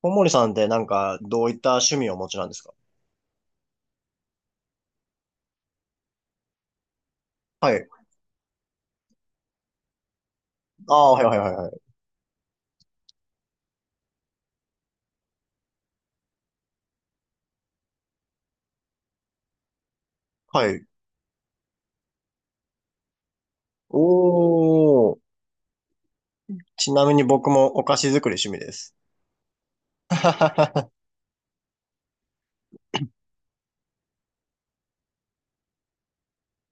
小森さんってなんか、どういった趣味をお持ちなんですか？はい。ああ、はいはいはいはい。はい。おー。ちなみに僕もお菓子作り趣味です。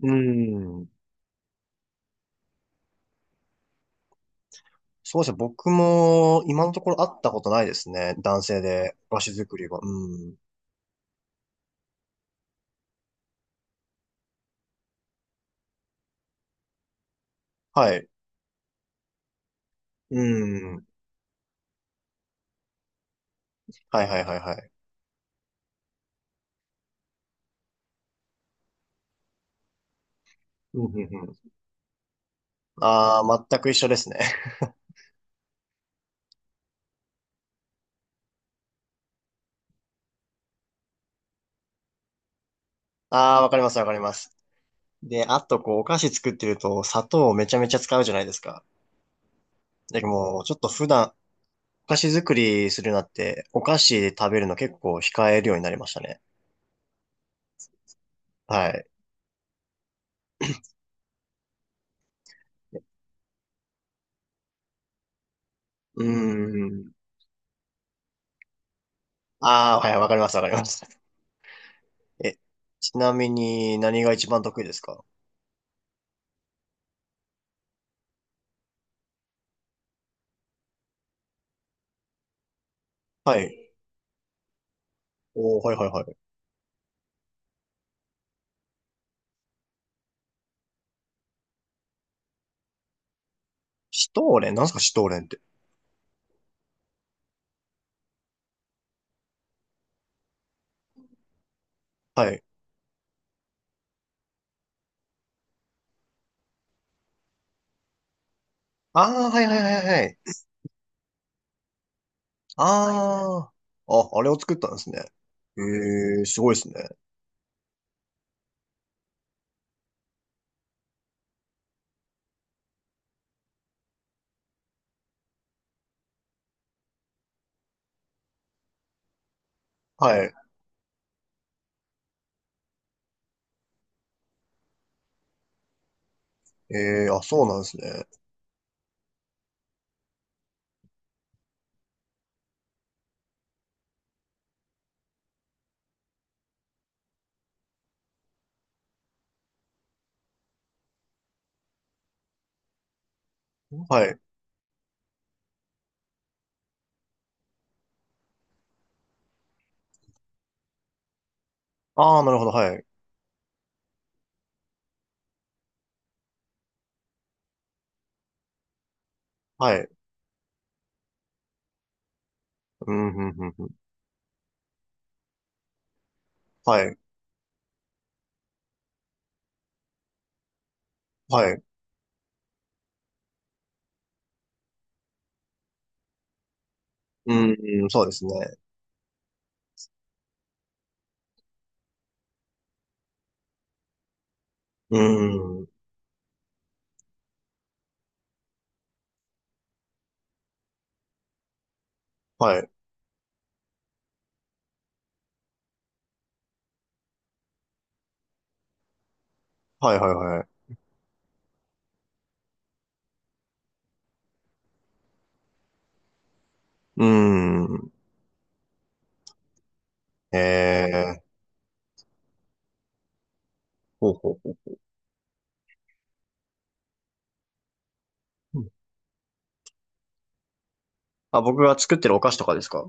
うん。そうですね。僕も今のところ会ったことないですね。男性でお菓子作りは。うん。はい。うん。はいはいはいはい。うんうんうん。ああ、全く一緒ですね。ああ、わかりますわかります。で、あとこう、お菓子作ってると砂糖をめちゃめちゃ使うじゃないですか。で、もうちょっと普段、お菓子作りするようになって、お菓子で食べるの結構控えるようになりましたね。はい。うーん。ああ、はい、わかります、わかります。え、ちなみに何が一番得意ですか？はい。おー、はいはいはい。シュトーレンなんすかシュトーレンって？はい。ああ、はいはいはいはい。ああ、あ、あれを作ったんですね。ええー、すごいですね。はい。ええー、あ、そうなんですね。はい。ああ、なるほど、はい。はい。うん、うん、うん、うん。はい。はい。うん、うんそうですね。うーん。はい。はいはいはい。うーん。ええー。ほうほうほう。うん、あ、僕が作ってるお菓子とかですか？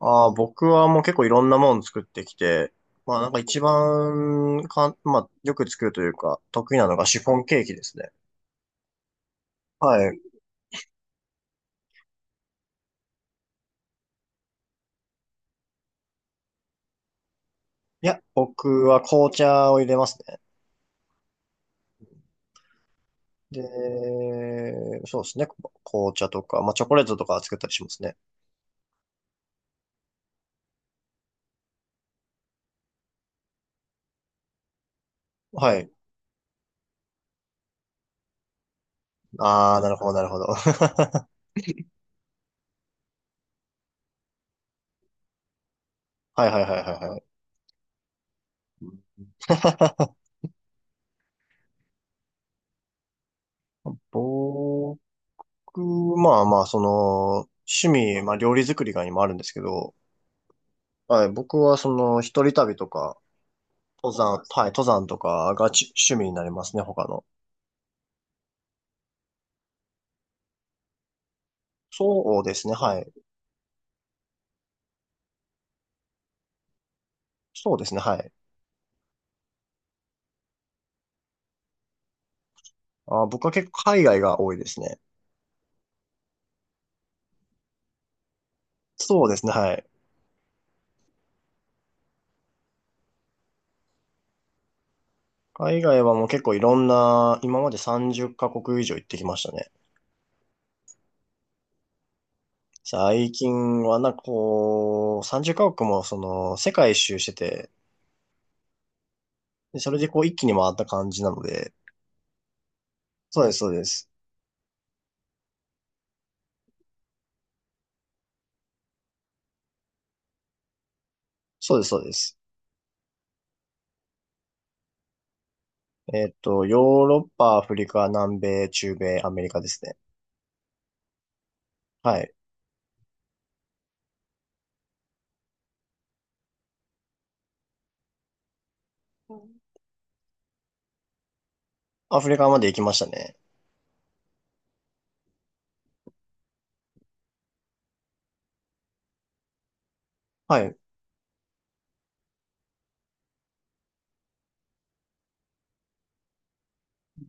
ああー、僕はもう結構いろんなもの作ってきて、まあなんか一番かん、まあよく作るというか、得意なのがシフォンケーキですね。はい。いや、僕は紅茶を入れますね。で、そうですね。紅茶とか、まあチョコレートとか作ったりしますね。はい。ああ、なるほど、なるほど。はいはいはいはいはい。ぼ僕、まあまあ、その、趣味、まあ料理作りが今あるんですけど、はい、僕はその、一人旅とか、登山、はい、登山とかがち趣味になりますね、他の。そうですね、はい。そうですね、はい。あ、僕は結構海外が多いですね。そうですね、はい。海外はもう結構いろんな、今まで30カ国以上行ってきましたね。最近はなんかこう、30カ国もその、世界一周してて、でそれでこう一気に回った感じなので、そうです、そうです。そうです、そうです。えっと、ヨーロッパ、アフリカ、南米、中米、アメリカですね。はい。うん、アフリカまで行きましたね。はい。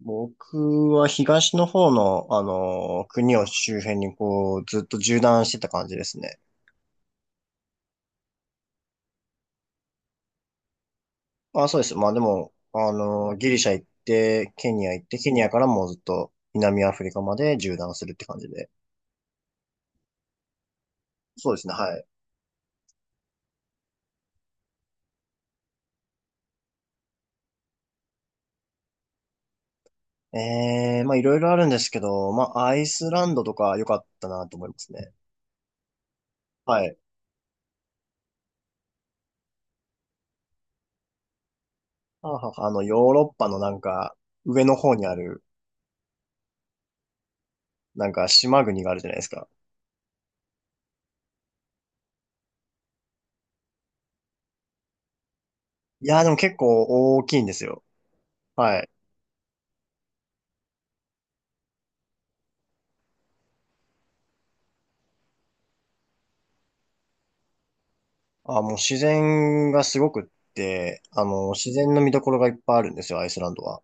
僕は東の方の、あの、国を周辺にこう、ずっと縦断してた感じですね。あ、そうです。まあでも、あの、ギリシャ行って、ケニア行って、ケニアからもうずっと南アフリカまで縦断するって感じで。そうですね。はい。ええ、まあいろいろあるんですけど、まあアイスランドとか良かったなと思いますね。はい。はあはあはあ、あの、ヨーロッパのなんか、上の方にある、なんか島国があるじゃないですか。いやーでも結構大きいんですよ。はい。あ、もう自然がすごくって、あの、自然の見どころがいっぱいあるんですよ、アイスランドは。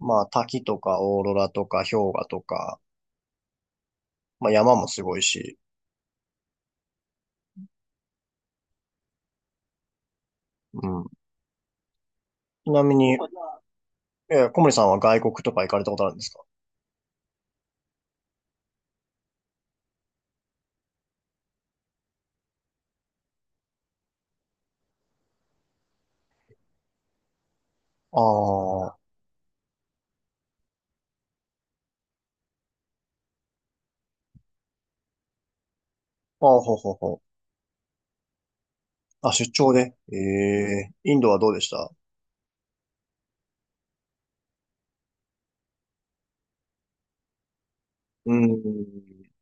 まあ、滝とかオーロラとか氷河とか、まあ山もすごいし。うん。ちなみに、小森さんは外国とか行かれたことあるんですか？ああ、あ、ほうほうほう。あ、出張で。ええ、インドはどうでした？うーん。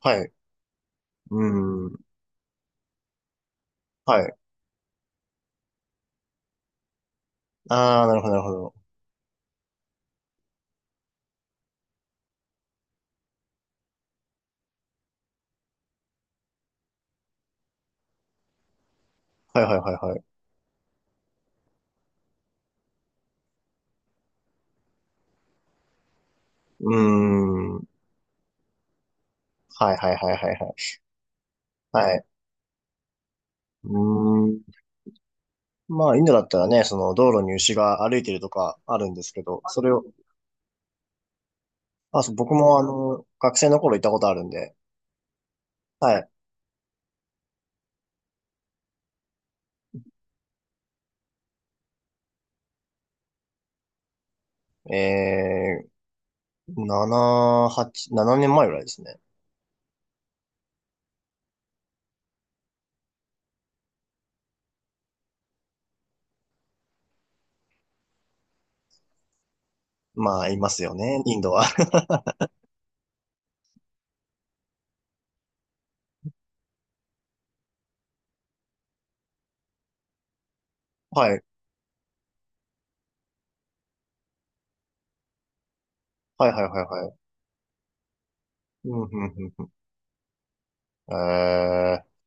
はい。うーん。はい。ああ、なるほど、なるほど。はいはいはいはい。うーん。はいはいはいはいはい。はい。うーん。まあ、インドだったらね、その道路に牛が歩いてるとかあるんですけど、それを、あ、そう、僕もあの、学生の頃行ったことあるんで、はい。え7、8、7年前ぐらいですね。まあ、いますよね、インドは。はい。はいはいはいはい。うん、うん、うん。うんえー